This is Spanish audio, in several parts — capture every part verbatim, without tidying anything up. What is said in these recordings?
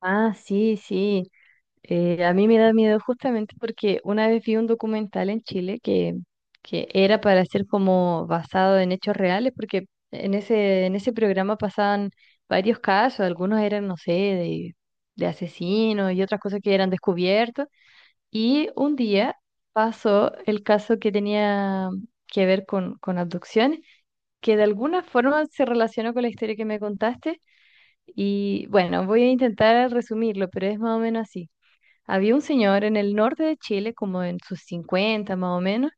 Ah, sí, sí. Eh, a mí me da miedo justamente porque una vez vi un documental en Chile que, que era para ser como basado en hechos reales, porque en ese, en ese programa pasaban varios casos, algunos eran, no sé, de, de asesinos y otras cosas que eran descubiertos. Y un día pasó el caso que tenía que ver con, con abducciones, que de alguna forma se relacionó con la historia que me contaste y bueno, voy a intentar resumirlo, pero es más o menos así. Había un señor en el norte de Chile, como en sus cincuenta más o menos.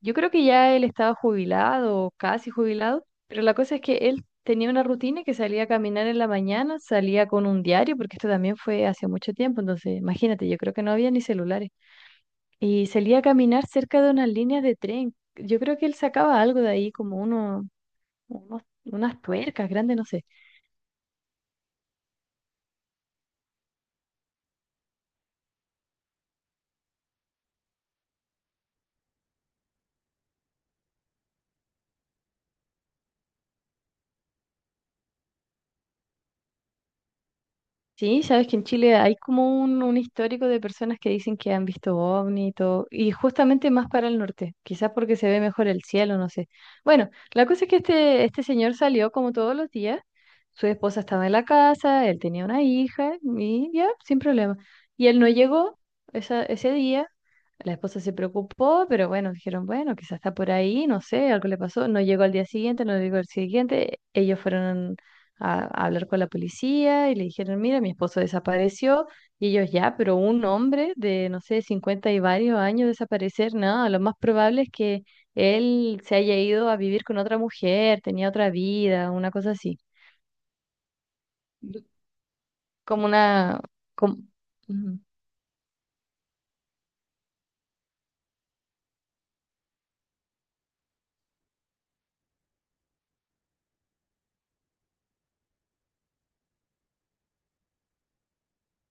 Yo creo que ya él estaba jubilado o casi jubilado, pero la cosa es que él tenía una rutina que salía a caminar en la mañana, salía con un diario, porque esto también fue hace mucho tiempo, entonces imagínate, yo creo que no había ni celulares. Y salía a caminar cerca de unas líneas de tren. Yo creo que él sacaba algo de ahí, como uno, unos- unas tuercas grandes, no sé. Sí, sabes que en Chile hay como un, un histórico de personas que dicen que han visto ovni y todo, y justamente más para el norte, quizás porque se ve mejor el cielo, no sé. Bueno, la cosa es que este, este señor salió como todos los días, su esposa estaba en la casa, él tenía una hija, y ya, sin problema. Y él no llegó esa- ese día. La esposa se preocupó, pero bueno, dijeron, bueno, quizás está por ahí, no sé, algo le pasó. No llegó al día siguiente, no llegó al siguiente. Ellos fueron a, a hablar con la policía y le dijeron, mira, mi esposo desapareció. Y ellos ya, pero un hombre de, no sé, cincuenta y varios años desaparecer, no, lo más probable es que él se haya ido a vivir con otra mujer, tenía otra vida, una cosa así. Como una... Como... Ujú.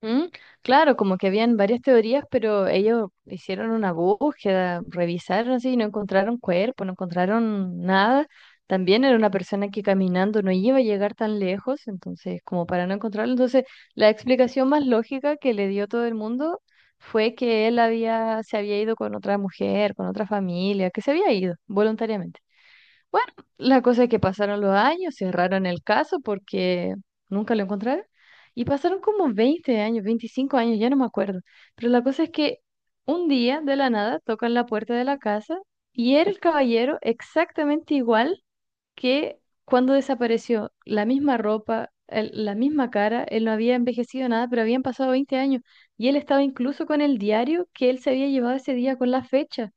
Mm, Claro, como que habían varias teorías, pero ellos hicieron una búsqueda, revisaron así y no encontraron cuerpo, no encontraron nada. También era una persona que caminando no iba a llegar tan lejos, entonces como para no encontrarlo. Entonces, la explicación más lógica que le dio todo el mundo fue que él había, se había ido con otra mujer, con otra familia, que se había ido voluntariamente. Bueno, la cosa es que pasaron los años, cerraron el caso porque nunca lo encontraron. Y pasaron como veinte años, veinticinco años, ya no me acuerdo. Pero la cosa es que un día, de la nada, tocan la puerta de la casa y era el caballero exactamente igual que cuando desapareció. La misma ropa, el- la misma cara, él no había envejecido nada, pero habían pasado veinte años. Y él estaba incluso con el diario que él se había llevado ese día con la fecha.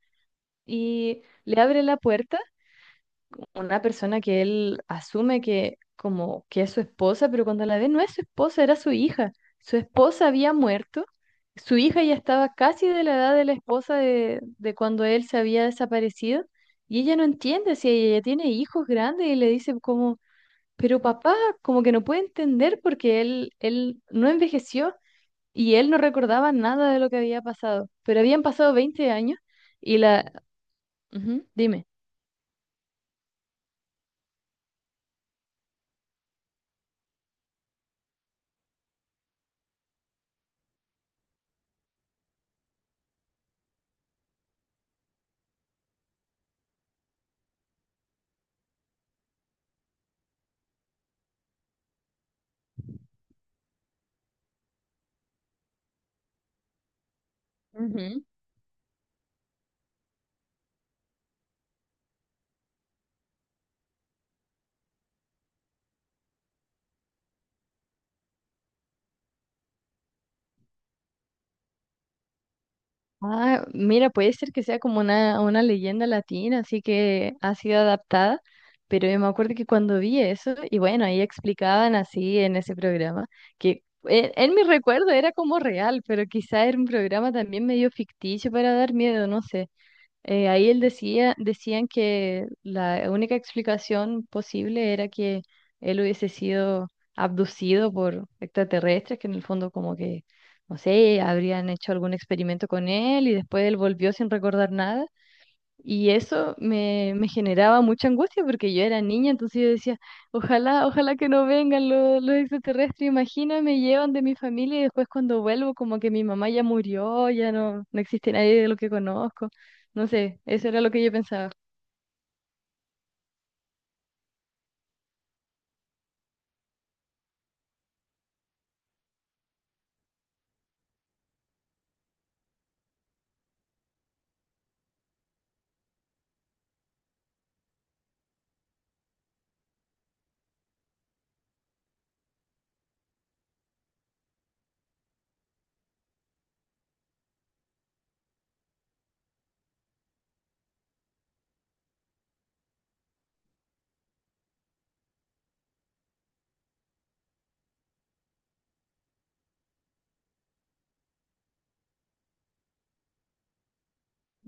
Y le abre la puerta una persona que él asume que como que es su esposa, pero cuando la ve no es su esposa, era su hija. Su esposa había muerto, su hija ya estaba casi de la edad de la esposa de, de cuando él se había desaparecido y ella no entiende si ella ya tiene hijos grandes y le dice como, pero papá, como que no puede entender porque él, él no envejeció y él no recordaba nada de lo que había pasado, pero habían pasado veinte años y la... Ujú, dime. Ujú. Ah, mira, puede ser que sea como una, una leyenda latina, así que ha sido adaptada, pero yo me acuerdo que cuando vi eso, y bueno, ahí explicaban así en ese programa, que en, en mi recuerdo era como real, pero quizá era un programa también medio ficticio para dar miedo, no sé. Eh, ahí él decía, decían que la única explicación posible era que él hubiese sido abducido por extraterrestres, que en el fondo como que, no sé, habrían hecho algún experimento con él y después él volvió sin recordar nada y eso me, me generaba mucha angustia porque yo era niña, entonces yo decía, ojalá, ojalá que no vengan los, los extraterrestres, imagina, me llevan de mi familia y después cuando vuelvo como que mi mamá ya murió, ya no, no existe nadie de lo que conozco. No sé, eso era lo que yo pensaba.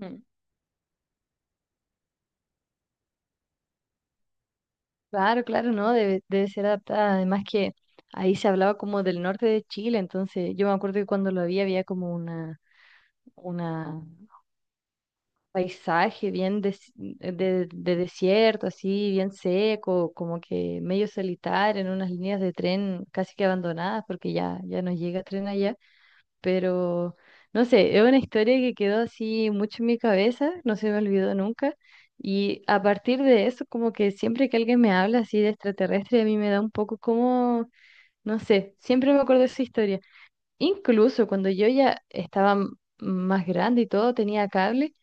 Mm. Claro, claro, no, debe, debe ser adaptada. Además que ahí se hablaba como del norte de Chile, entonces yo me acuerdo que cuando lo vi había como una, una paisaje bien des- de, de desierto, así bien seco, como que medio solitario, en unas líneas de tren casi que abandonadas porque ya, ya no llega tren allá, pero no sé, es una historia que quedó así mucho en mi cabeza, no se me olvidó nunca. Y a partir de eso, como que siempre que alguien me habla así de extraterrestre, a mí me da un poco como, no sé, siempre me acuerdo de esa historia. Incluso cuando yo ya estaba m- más grande y todo, tenía cable,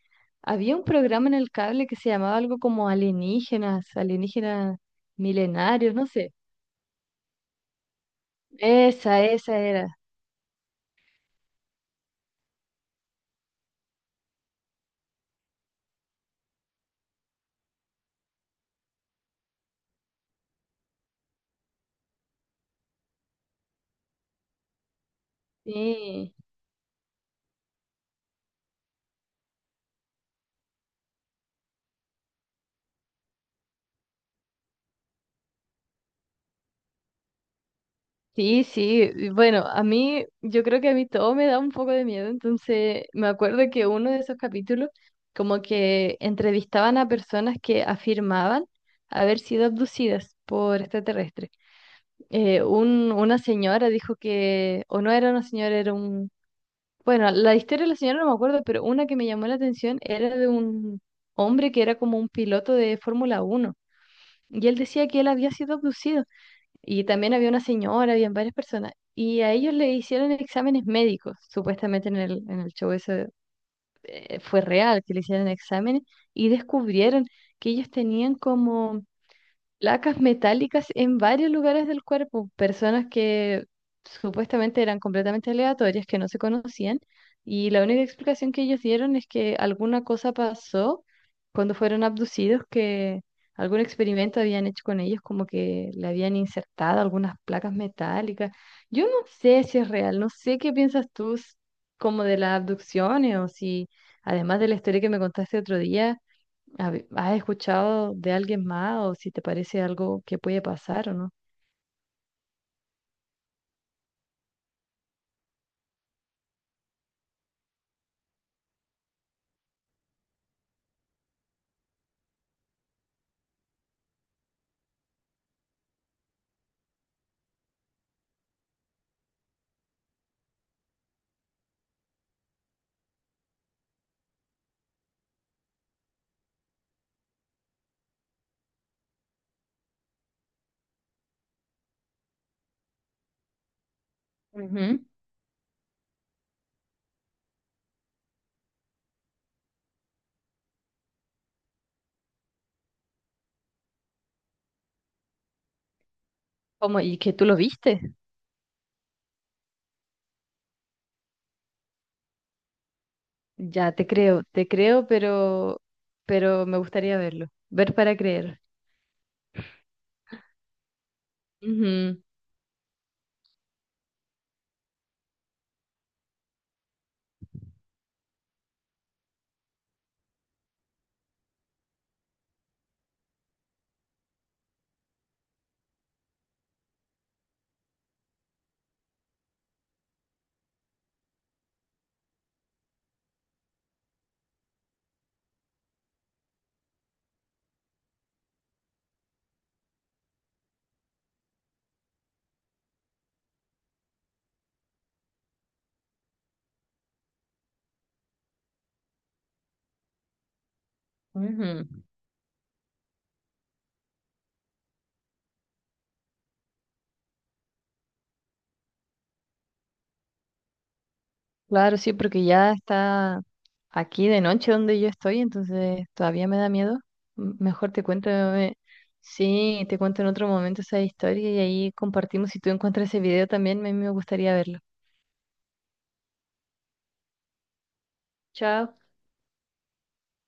había un programa en el cable que se llamaba algo como alienígenas, alienígenas milenarios, no sé. Esa, esa era. Sí, sí, sí. y Bueno, a mí, yo creo que a mí todo me da un poco de miedo, entonces me acuerdo que uno de esos capítulos como que entrevistaban a personas que afirmaban haber sido abducidas por extraterrestres. Eh, un- una señora dijo que, o no era una señora, era un... Bueno, la historia de la señora no me acuerdo, pero una que me llamó la atención era de un hombre que era como un piloto de Fórmula uno. Y él decía que él había sido abducido. Y también había una señora, habían varias personas. Y a ellos le hicieron exámenes médicos, supuestamente en el, en el show eso eh, fue real, que le hicieron exámenes y descubrieron que ellos tenían como placas metálicas en varios lugares del cuerpo, personas que supuestamente eran completamente aleatorias, que no se conocían, y la única explicación que ellos dieron es que alguna cosa pasó cuando fueron abducidos, que algún experimento habían hecho con ellos, como que le habían insertado algunas placas metálicas. Yo no sé si es real, no sé qué piensas tú s- como de las abducciones o si, además de la historia que me contaste otro día, ¿Hab- ¿Has escuchado de alguien más o si te parece algo que puede pasar o no? Ujú. ¿Cómo? ¿Y que tú lo viste? Ya, te creo, te creo, pero, pero me gustaría verlo. Ver para creer. Ujú. Ujú. Claro, sí, porque ya está aquí de noche donde yo estoy, entonces todavía me da miedo. M- Mejor te cuento, eh, sí, te cuento en otro momento esa historia y ahí compartimos. Si tú encuentras ese video también, a mí me gustaría verlo. Chao.